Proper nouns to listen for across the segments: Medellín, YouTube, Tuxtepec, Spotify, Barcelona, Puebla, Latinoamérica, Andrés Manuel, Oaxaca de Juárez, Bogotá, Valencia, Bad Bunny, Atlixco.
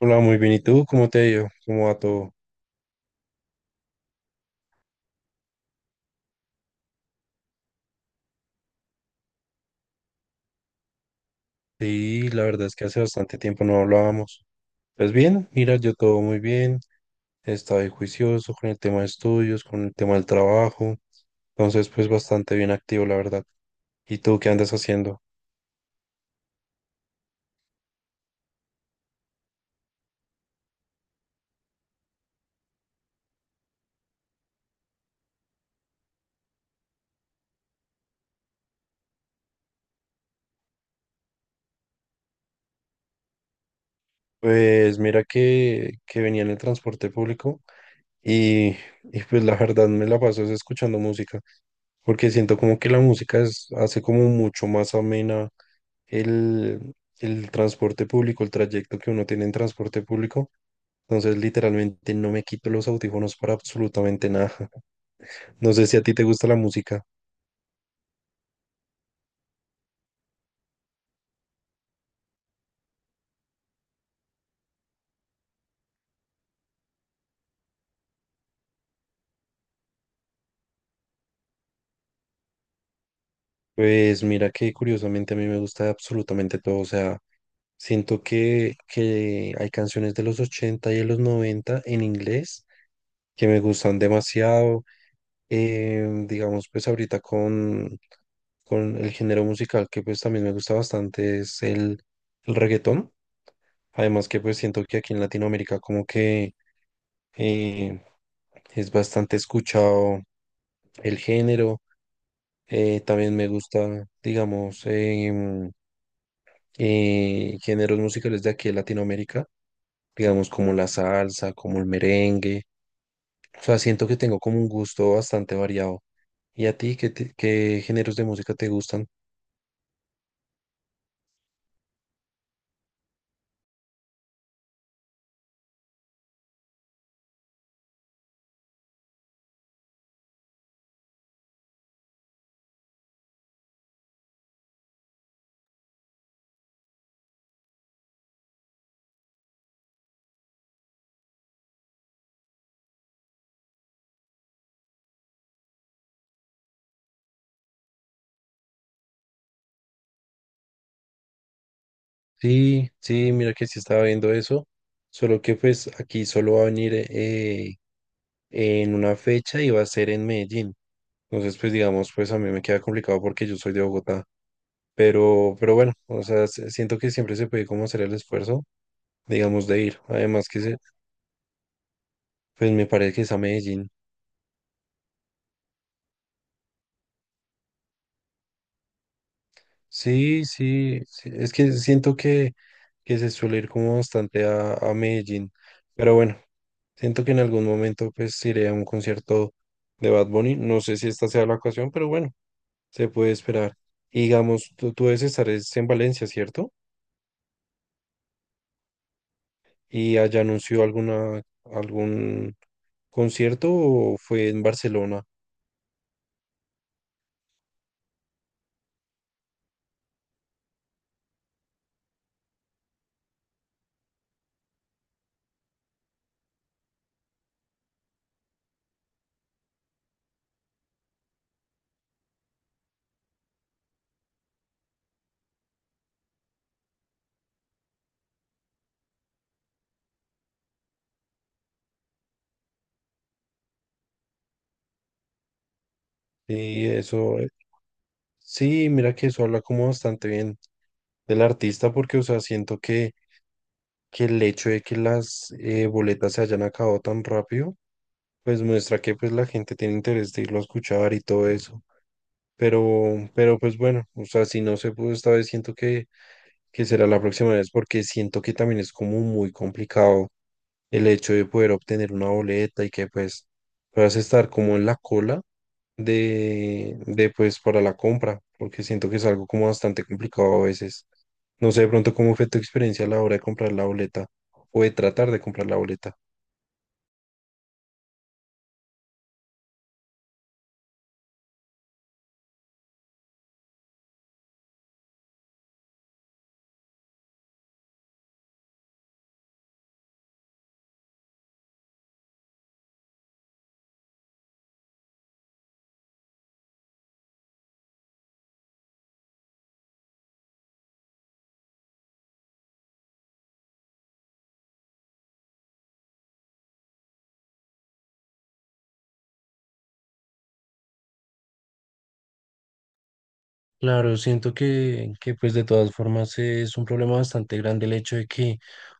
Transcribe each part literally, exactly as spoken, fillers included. Hola, muy bien. ¿Y tú? ¿Cómo te ha ido? ¿Cómo va todo? Sí, la verdad es que hace bastante tiempo no hablábamos. Pues bien, mira, yo todo muy bien. He estado ahí juicioso con el tema de estudios, con el tema del trabajo. Entonces, pues bastante bien activo, la verdad. ¿Y tú qué andas haciendo? Pues mira que, que venía en el transporte público y, y pues la verdad me la paso es escuchando música, porque siento como que la música es, hace como mucho más amena el, el transporte público, el trayecto que uno tiene en transporte público. Entonces, literalmente no me quito los audífonos para absolutamente nada. No sé si a ti te gusta la música. Pues mira que curiosamente a mí me gusta absolutamente todo. O sea, siento que, que hay canciones de los ochenta y de los noventa en inglés que me gustan demasiado. Em, digamos, pues ahorita con, con el género musical que pues también me gusta bastante es el, el reggaetón. Además que pues siento que aquí en Latinoamérica como que eh, es bastante escuchado el género. Eh, también me gusta, digamos, em, eh, géneros musicales de aquí de Latinoamérica, digamos como la salsa, como el merengue. O sea, siento que tengo como un gusto bastante variado. ¿Y a ti qué, te- qué géneros de música te gustan? Sí, sí, mira que sí estaba viendo eso, solo que pues aquí solo va a venir eh, en una fecha y va a ser en Medellín. Entonces, pues digamos, pues a mí me queda complicado porque yo soy de Bogotá, pero, pero bueno, o sea, s- siento que siempre se puede como hacer el esfuerzo, digamos, de ir. Además que se, pues me parece que es a Medellín. Sí, sí, sí, es que siento que, que se suele ir como bastante a, a Medellín, pero bueno, siento que en algún momento pues iré a un concierto de Bad Bunny. No sé si esta sea la ocasión, pero bueno, se puede esperar. Y digamos, tú, tú debes estar es en Valencia, ¿cierto? Y allá anunció alguna, algún concierto fue en Barcelona. Y eso, eh, sí, mira que eso habla como bastante bien del artista porque, o sea, siento que, que el hecho de que las eh, boletas se hayan acabado tan rápido, pues muestra que pues la gente tiene interés de irlo a escuchar y todo eso. Pero, pero pues bueno, o sea, si no se pudo esta vez, siento que, que será la próxima vez porque siento que también es como muy complicado el hecho de poder obtener una boleta y que pues puedas estar como en la cola de, de pues para la compra, porque siento que es algo como bastante complicado a veces. No sé de pronto cómo fue tu experiencia a la hora de comprar la boleta o de tratar de comprar la boleta. Claro, siento que, que pues de todas formas es un problema bastante grande el hecho de que,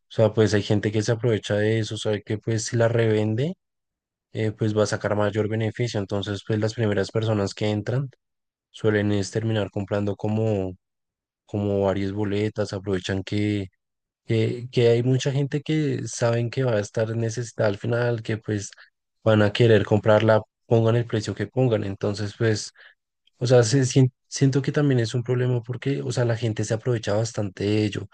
o sea, pues hay gente que se aprovecha de eso, sabe que pues si la revende, eh, pues va a sacar mayor beneficio. Entonces, pues las primeras personas que entran suelen es terminar comprando como, como varias boletas, aprovechan que, que, que hay mucha gente que saben que va a estar necesitada al final, que pues van a querer comprarla, pongan el precio que pongan. Entonces, pues... O sea, se sien- siento que también es un problema porque, o sea, la gente se aprovecha bastante de ello.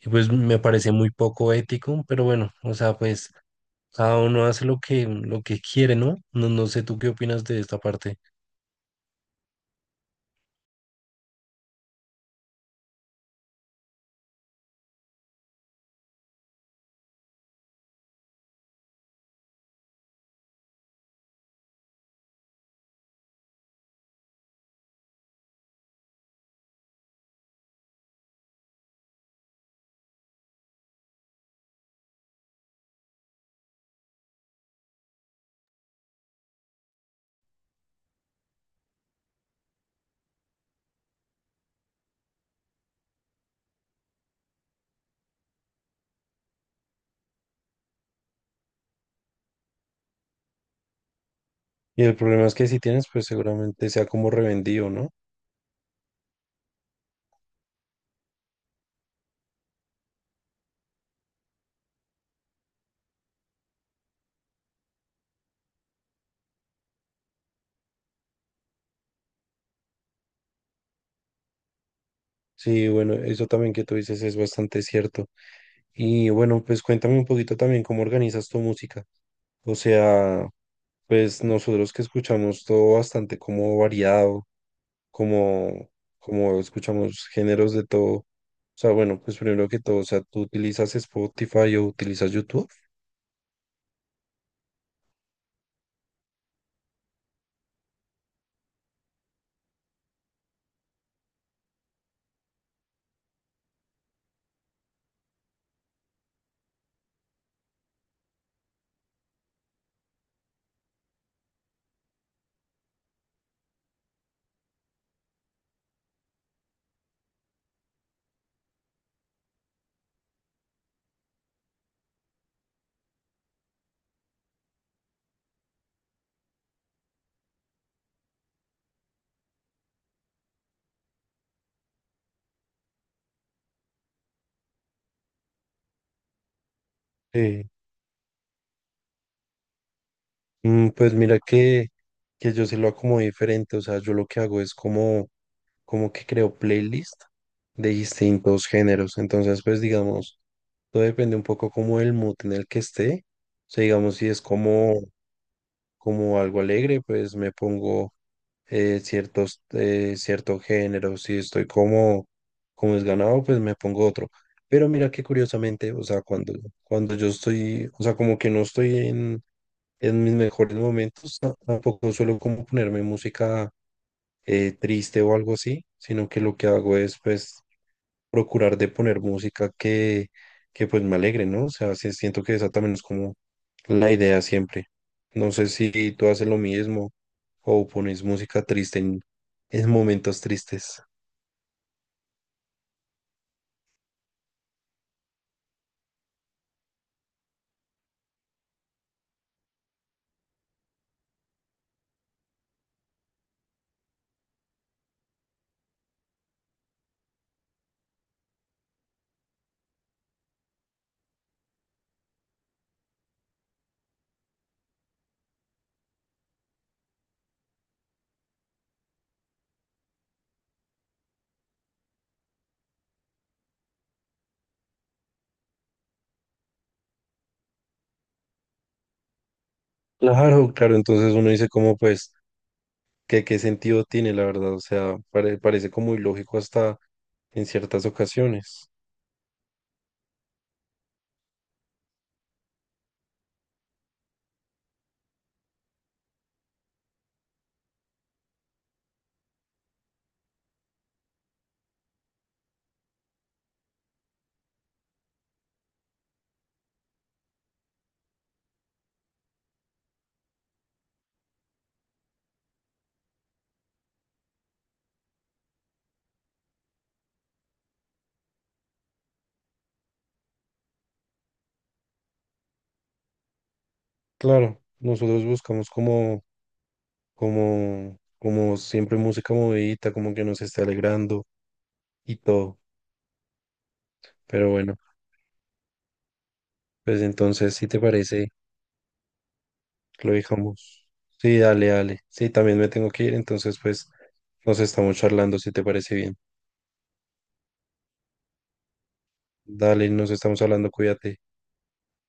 Y pues me parece muy poco ético, pero bueno, o sea, pues cada uno hace lo que, lo que quiere, ¿no? No, no sé tú qué opinas de esta parte. Y el problema es que si tienes, pues seguramente sea como revendido, ¿no? Sí, bueno, eso también que tú dices es bastante cierto. Y bueno, pues cuéntame un poquito también cómo organizas tu música. O sea, pues nosotros que escuchamos todo bastante como variado. Como, como escuchamos géneros de todo. O sea, bueno, pues primero que todo, o sea, ¿tú utilizas Spotify o utilizas YouTube? Sí. Mm, pues mira que, que yo se lo acomodé diferente, o sea, yo lo que hago es como, como que creo playlist de distintos géneros, entonces pues digamos, todo depende un poco como el mood en el que esté, o sea, digamos si es como, como algo alegre, pues me pongo eh, ciertos, eh, cierto género, si estoy como, como desganado, pues me pongo otro. Pero mira que curiosamente, o sea, cuando, cuando yo estoy, o sea, como que no estoy en, en mis mejores momentos, ta- tampoco suelo como ponerme música eh, triste o algo así, sino que lo que hago es pues procurar de poner música que, que pues me alegre, ¿no? O sea, sí siento que esa también es como la idea siempre. No sé si tú haces lo mismo o pones música triste en, en momentos tristes. Claro, claro, entonces uno dice como pues que qué sentido tiene la verdad, o sea, pare- parece como ilógico hasta en ciertas ocasiones. Claro, nosotros buscamos como, como, como siempre música movidita, como que nos esté alegrando y todo, pero bueno, pues entonces si te parece... Lo dejamos. Sí, dale, dale. Sí, también me tengo que ir, entonces pues nos estamos charlando si te parece bien. Dale, nos estamos hablando, cuídate.